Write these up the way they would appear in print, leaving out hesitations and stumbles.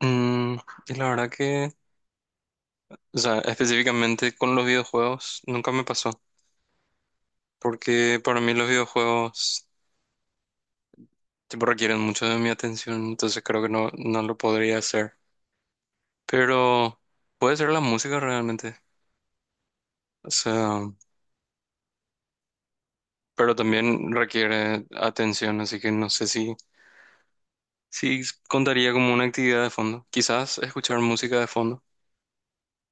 Mm, y la verdad que, o sea, específicamente con los videojuegos, nunca me pasó, porque para mí los videojuegos, tipo, requieren mucho de mi atención, entonces creo que no, no lo podría hacer. Pero puede ser la música realmente, o sea, pero también requiere atención, así que no sé si contaría como una actividad de fondo. Quizás escuchar música de fondo,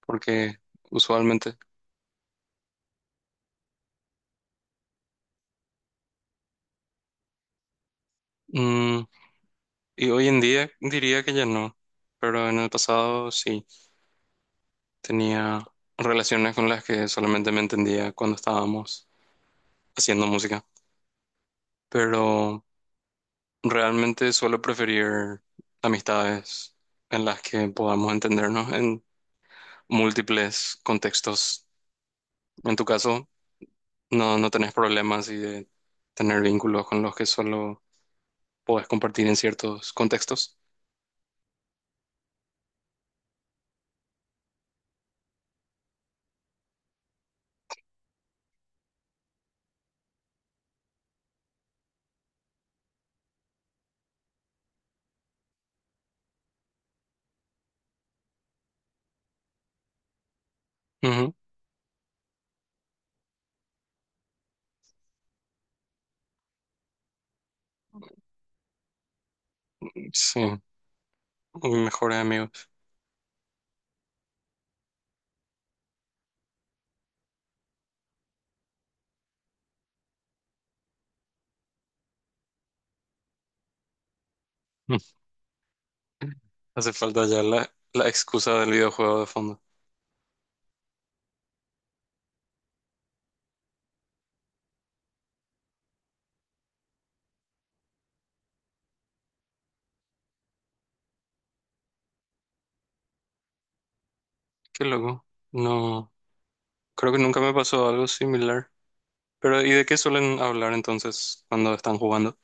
porque usualmente. Mm, y hoy en día diría que ya no, pero en el pasado sí. Tenía relaciones con las que solamente me entendía cuando estábamos haciendo música, pero realmente suelo preferir amistades en las que podamos entendernos en múltiples contextos. En tu caso, no, no tenés problemas y de tener vínculos con los que solo podés compartir en ciertos contextos. Ujú, sí, mis mejores amigos. Mm. Hace falta ya la excusa del videojuego de fondo. Qué loco. No. Creo que nunca me pasó algo similar. Pero, ¿y de qué suelen hablar entonces cuando están jugando?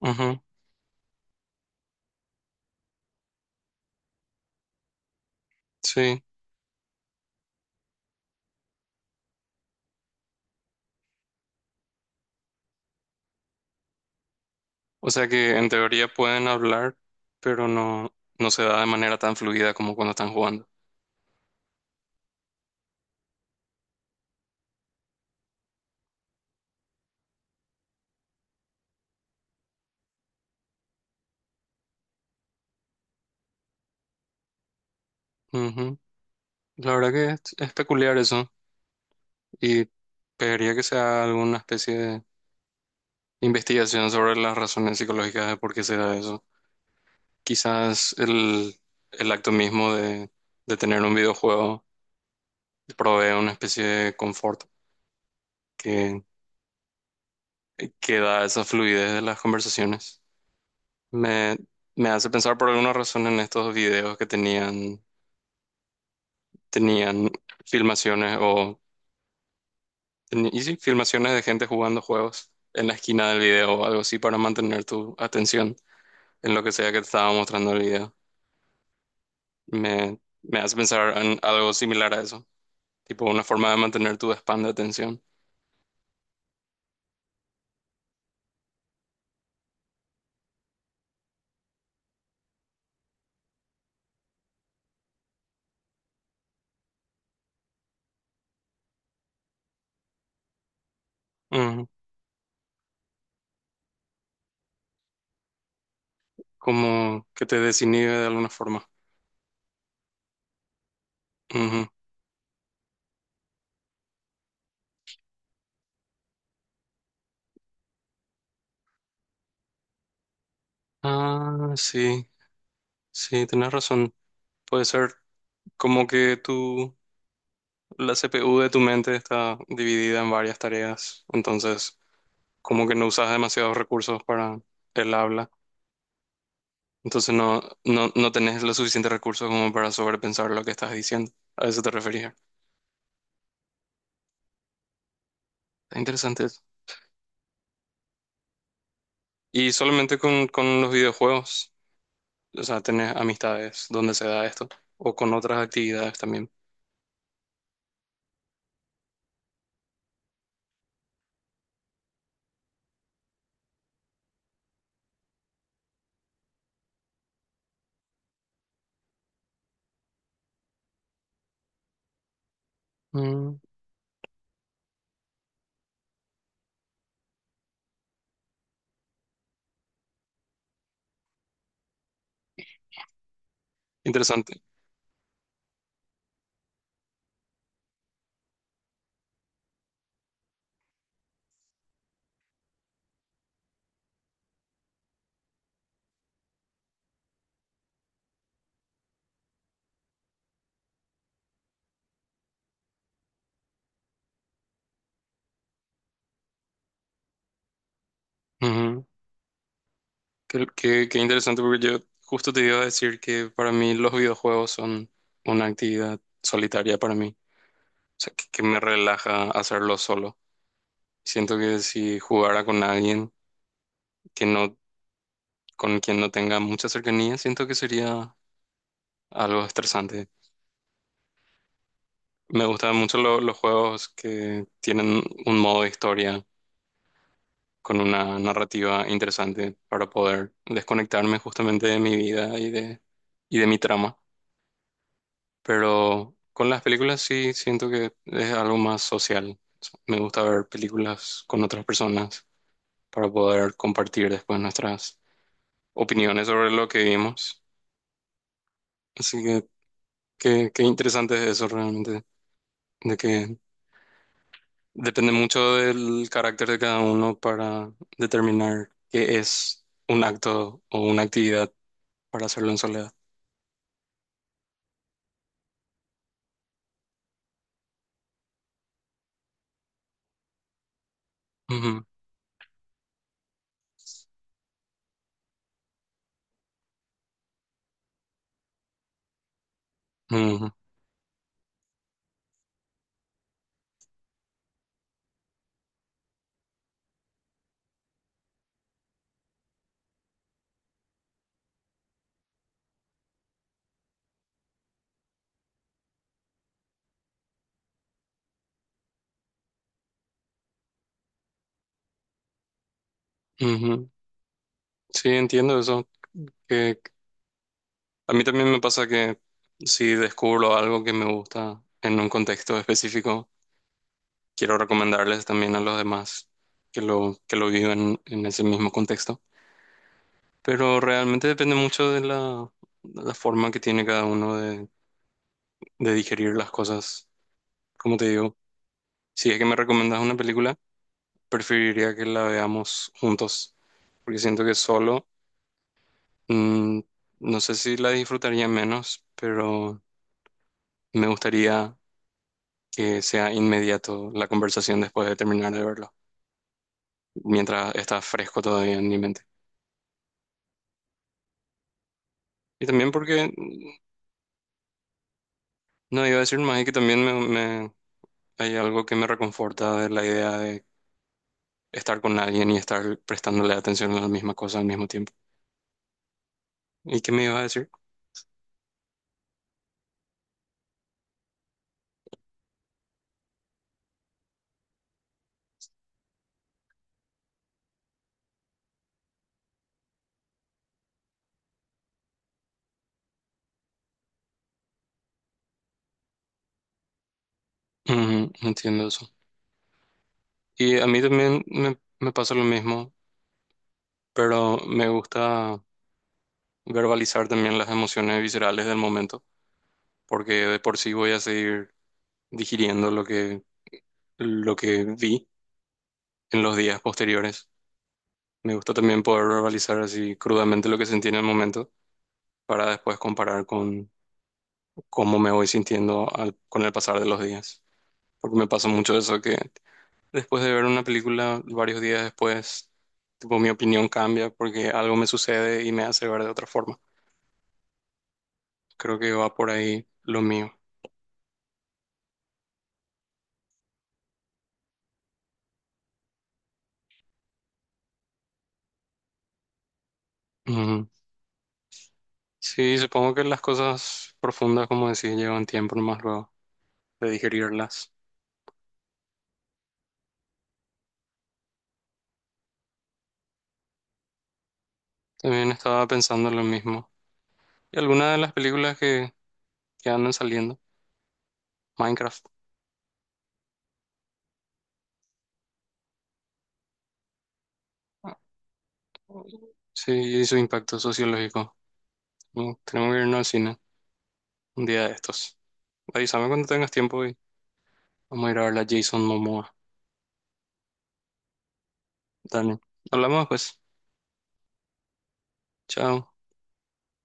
Ujú, sí. O sea que en teoría pueden hablar, pero no, no se da de manera tan fluida como cuando están jugando. Ujú. La verdad que es peculiar eso. Y pediría que se haga alguna especie de investigación sobre las razones psicológicas de por qué se da eso. Quizás el acto mismo de tener un videojuego provee una especie de confort que da esa fluidez de las conversaciones. Me, me hace pensar por alguna razón en estos videos que tenían filmaciones o y sí, filmaciones de gente jugando juegos en la esquina del video o algo así para mantener tu atención en lo que sea que te estaba mostrando el video. Me hace pensar en algo similar a eso, tipo una forma de mantener tu span de atención. Ujú. Como que te desinhibe de alguna forma. Ujú. Ah, sí, sí, tenés razón. Puede ser. Como que la CPU de tu mente está dividida en varias tareas, entonces como que no usas demasiados recursos para el habla, entonces no, no, no tenés los suficientes recursos como para sobrepensar lo que estás diciendo. A eso te refería. Está interesante eso. Y solamente con los videojuegos, o sea, tenés amistades donde se da esto, o con otras actividades también. Mm, interesante. Qué interesante porque yo justo te iba a decir que para mí los videojuegos son una actividad solitaria para mí, o sea, que me relaja hacerlo solo. Siento que si jugara con alguien que no, con quien no tenga mucha cercanía, siento que sería algo estresante. Me gustan mucho los juegos que tienen un modo de historia con una narrativa interesante para poder desconectarme justamente de mi vida y de, mi trama. Pero con las películas sí siento que es algo más social. Me gusta ver películas con otras personas para poder compartir después nuestras opiniones sobre lo que vimos. Así que qué interesante es eso realmente, de que depende mucho del carácter de cada uno para determinar qué es un acto o una actividad para hacerlo en soledad. Ujú, ujú, ujú. Sí, entiendo eso. A mí también me pasa que si descubro algo que me gusta en un contexto específico, quiero recomendarles también a los demás que lo vivan en ese mismo contexto. Pero realmente depende mucho de la forma que tiene cada uno de digerir las cosas. Como te digo, si es que me recomendas una película, preferiría que la veamos juntos, porque siento que solo, mm, no sé si la disfrutaría menos, pero me gustaría que sea inmediato la conversación después de terminar de verlo, mientras está fresco todavía en mi mente. Y también porque, no iba a decir más, es que también hay algo que me reconforta de la idea de estar con alguien y estar prestándole atención a la misma cosa al mismo tiempo. ¿Y qué me iba a decir? Ujú, entiendo eso. Y a mí también me pasa lo mismo, pero me gusta verbalizar también las emociones viscerales del momento, porque de por sí voy a seguir digiriendo lo que, vi en los días posteriores. Me gusta también poder verbalizar así crudamente lo que sentí en el momento para después comparar con cómo me voy sintiendo con el pasar de los días. Porque me pasa mucho eso que después de ver una película varios días después, tipo mi opinión cambia porque algo me sucede y me hace ver de otra forma. Creo que va por ahí lo mío. Ujú. Sí, supongo que las cosas profundas, como decís, llevan tiempo más luego de digerirlas. También estaba pensando lo mismo. Y algunas de las películas que andan saliendo. Minecraft. Ah, sí, y su impacto sociológico. Tenemos que irnos al cine un día de estos. Avísame cuando tengas tiempo y vamos a ir a ver a Jason Momoa. Dale. Hablamos después. Chao.